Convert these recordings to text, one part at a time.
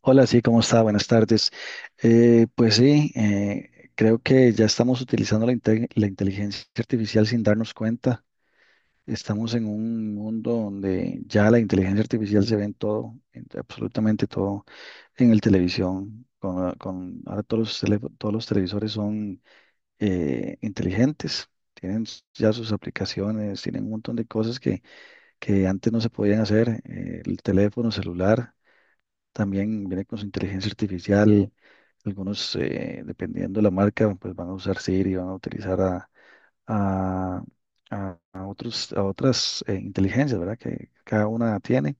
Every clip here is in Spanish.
Hola, sí, ¿cómo está? Buenas tardes. Pues sí, creo que ya estamos utilizando la inteligencia artificial sin darnos cuenta. Estamos en un mundo donde ya la inteligencia artificial se ve en todo, en absolutamente todo, en el televisión, ahora todos los televisores son inteligentes, ya sus aplicaciones, tienen un montón de cosas que antes no se podían hacer, el teléfono celular. También viene con su inteligencia artificial. Algunos, dependiendo de la marca, pues van a usar Siri, van a a, a otros, a otras inteligencias, ¿verdad? Que cada una tiene.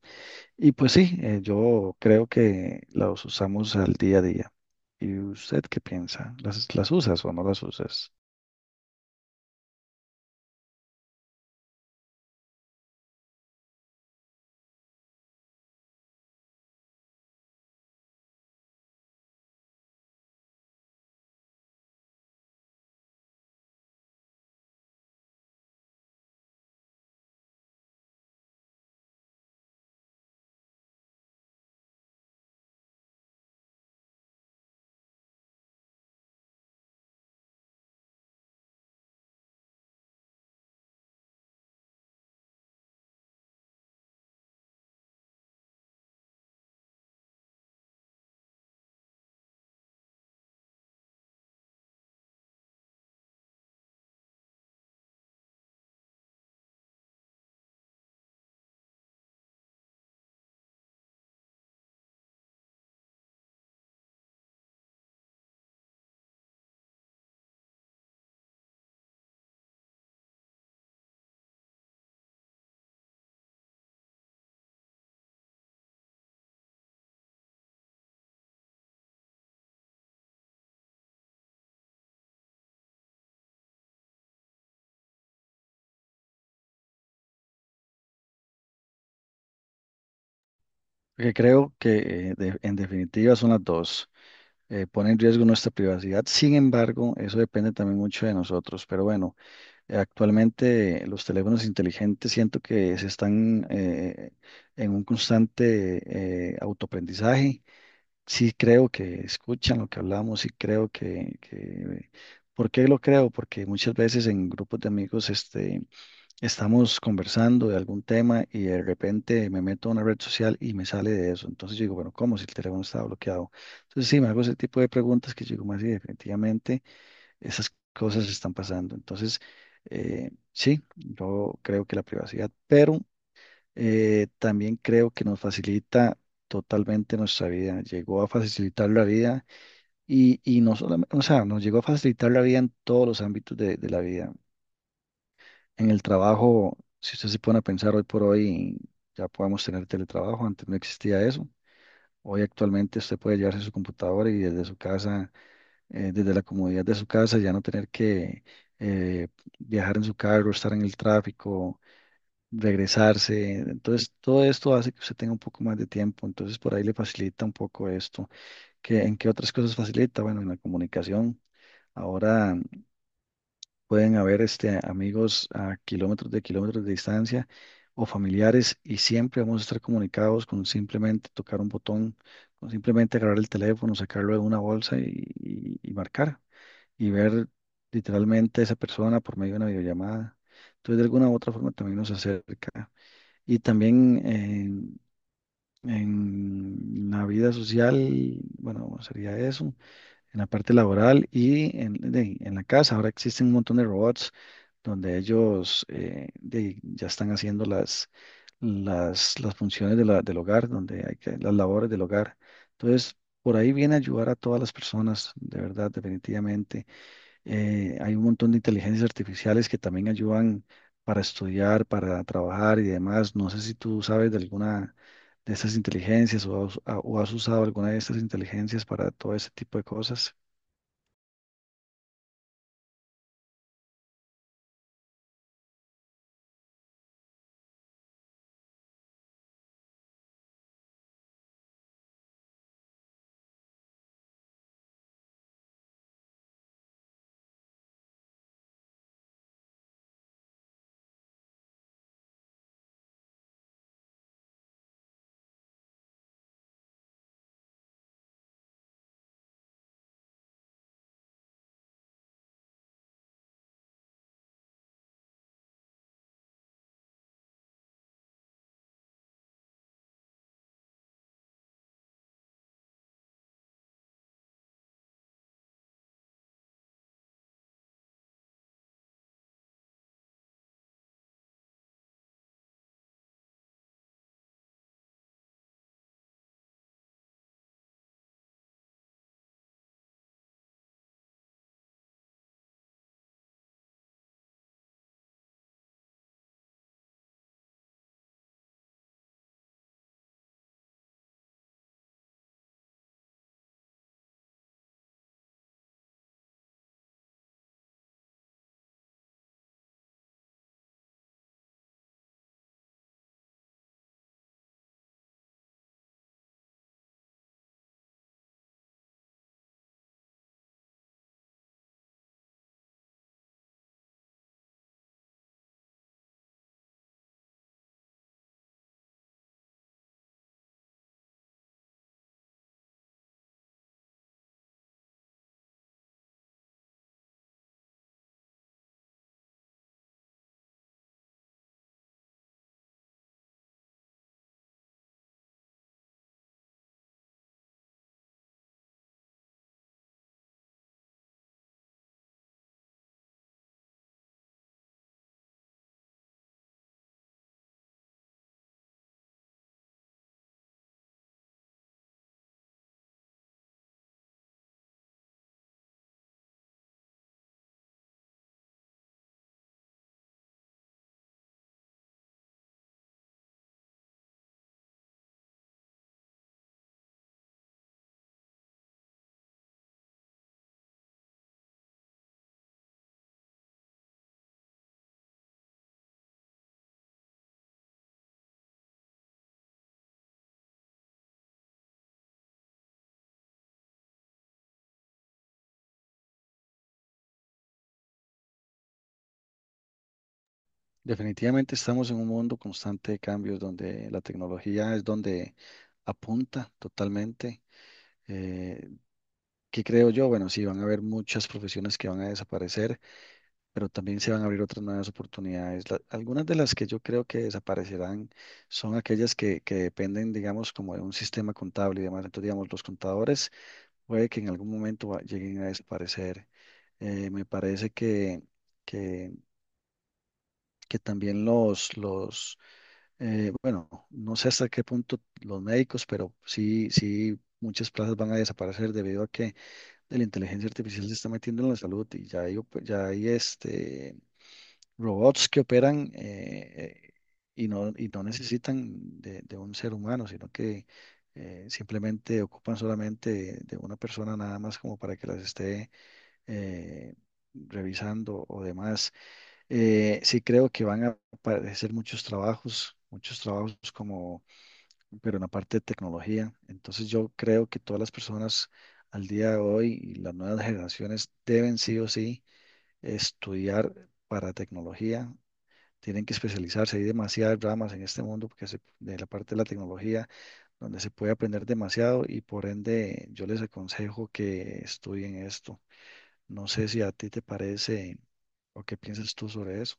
Y pues sí, yo creo que los usamos al día a día. ¿Y usted qué piensa? ¿Las usas o no las usas? Porque creo que en definitiva son las dos. Pone en riesgo nuestra privacidad. Sin embargo, eso depende también mucho de nosotros. Pero bueno. Actualmente los teléfonos inteligentes siento que se están en un constante autoaprendizaje. Sí creo que escuchan lo que hablamos y creo que... ¿Por qué lo creo? Porque muchas veces en grupos de amigos este, estamos conversando de algún tema y de repente me meto a una red social y me sale de eso. Entonces yo digo, bueno, ¿cómo si el teléfono estaba bloqueado? Entonces sí, me hago ese tipo de preguntas que yo digo, más sí, definitivamente. Esas cosas están pasando. Entonces, sí, yo creo que la privacidad, pero también creo que nos facilita totalmente nuestra vida. Llegó a facilitar la vida y no solamente, o sea, nos llegó a facilitar la vida en todos los ámbitos de la vida. En el trabajo, si usted se pone a pensar hoy por hoy, ya podemos tener teletrabajo, antes no existía eso. Hoy actualmente usted puede llevarse su computadora y desde su casa, desde la comodidad de su casa, ya no tener que eh, viajar en su carro, estar en el tráfico, regresarse. Entonces, todo esto hace que usted tenga un poco más de tiempo. Entonces, por ahí le facilita un poco esto. ¿Qué, en qué otras cosas facilita? Bueno, en la comunicación. Ahora pueden haber este, amigos a kilómetros de distancia o familiares, y siempre vamos a estar comunicados con simplemente tocar un botón, con simplemente agarrar el teléfono, sacarlo de una bolsa y marcar y ver literalmente a esa persona por medio de una videollamada. Entonces, de alguna u otra forma también nos acerca. Y también en la vida social, bueno, sería eso, en la parte laboral y en la casa. Ahora existen un montón de robots donde ellos ya están haciendo las funciones de del hogar, donde hay que, las labores del hogar. Entonces, por ahí viene a ayudar a todas las personas, de verdad, definitivamente hay un montón de inteligencias artificiales que también ayudan para estudiar, para trabajar y demás. No sé si tú sabes de alguna de estas inteligencias o o has usado alguna de estas inteligencias para todo ese tipo de cosas. Definitivamente estamos en un mundo constante de cambios donde la tecnología es donde apunta totalmente. Eh, ¿Qué creo yo? Bueno, sí, van a haber muchas profesiones que van a desaparecer, pero también se van a abrir otras nuevas oportunidades. Algunas de las que yo creo que desaparecerán son aquellas que dependen, digamos, como de un sistema contable y demás. Entonces, digamos, los contadores puede que en algún momento lleguen a desaparecer. Me parece que, que también los bueno, no sé hasta qué punto los médicos, pero sí, sí. Muchas plazas van a desaparecer debido a que la inteligencia artificial se está metiendo en la salud y ya ya hay este, robots que operan y no necesitan de un ser humano, sino que simplemente ocupan solamente de una persona nada más como para que las esté eh, revisando o demás. Sí creo que van a aparecer muchos trabajos, muchos trabajos como, pero en la parte de tecnología. Entonces yo creo que todas las personas al día de hoy y las nuevas generaciones deben sí o sí estudiar para tecnología, tienen que especializarse. Hay demasiadas ramas en este mundo porque de la parte de la tecnología donde se puede aprender demasiado, y por ende yo les aconsejo que estudien esto. No sé si a ti te parece o qué piensas tú sobre eso.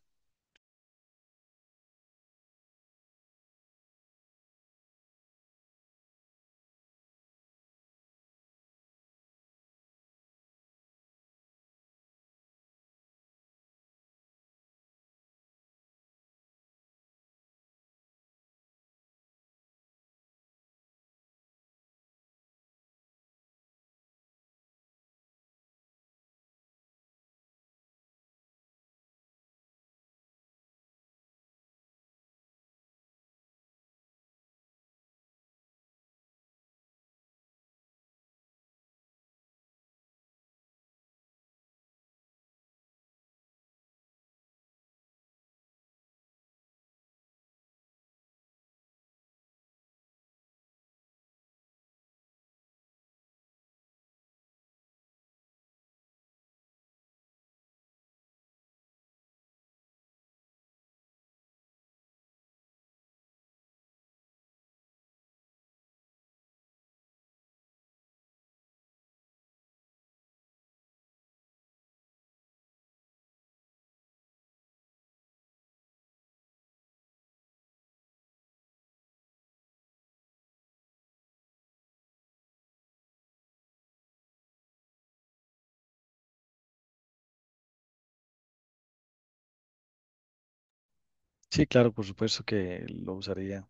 Sí, claro, por supuesto que lo usaría.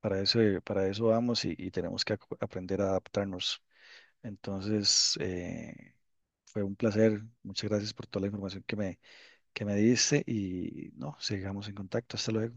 Para eso vamos y tenemos que aprender a adaptarnos. Entonces, fue un placer. Muchas gracias por toda la información que me diste y no, sigamos en contacto. Hasta luego.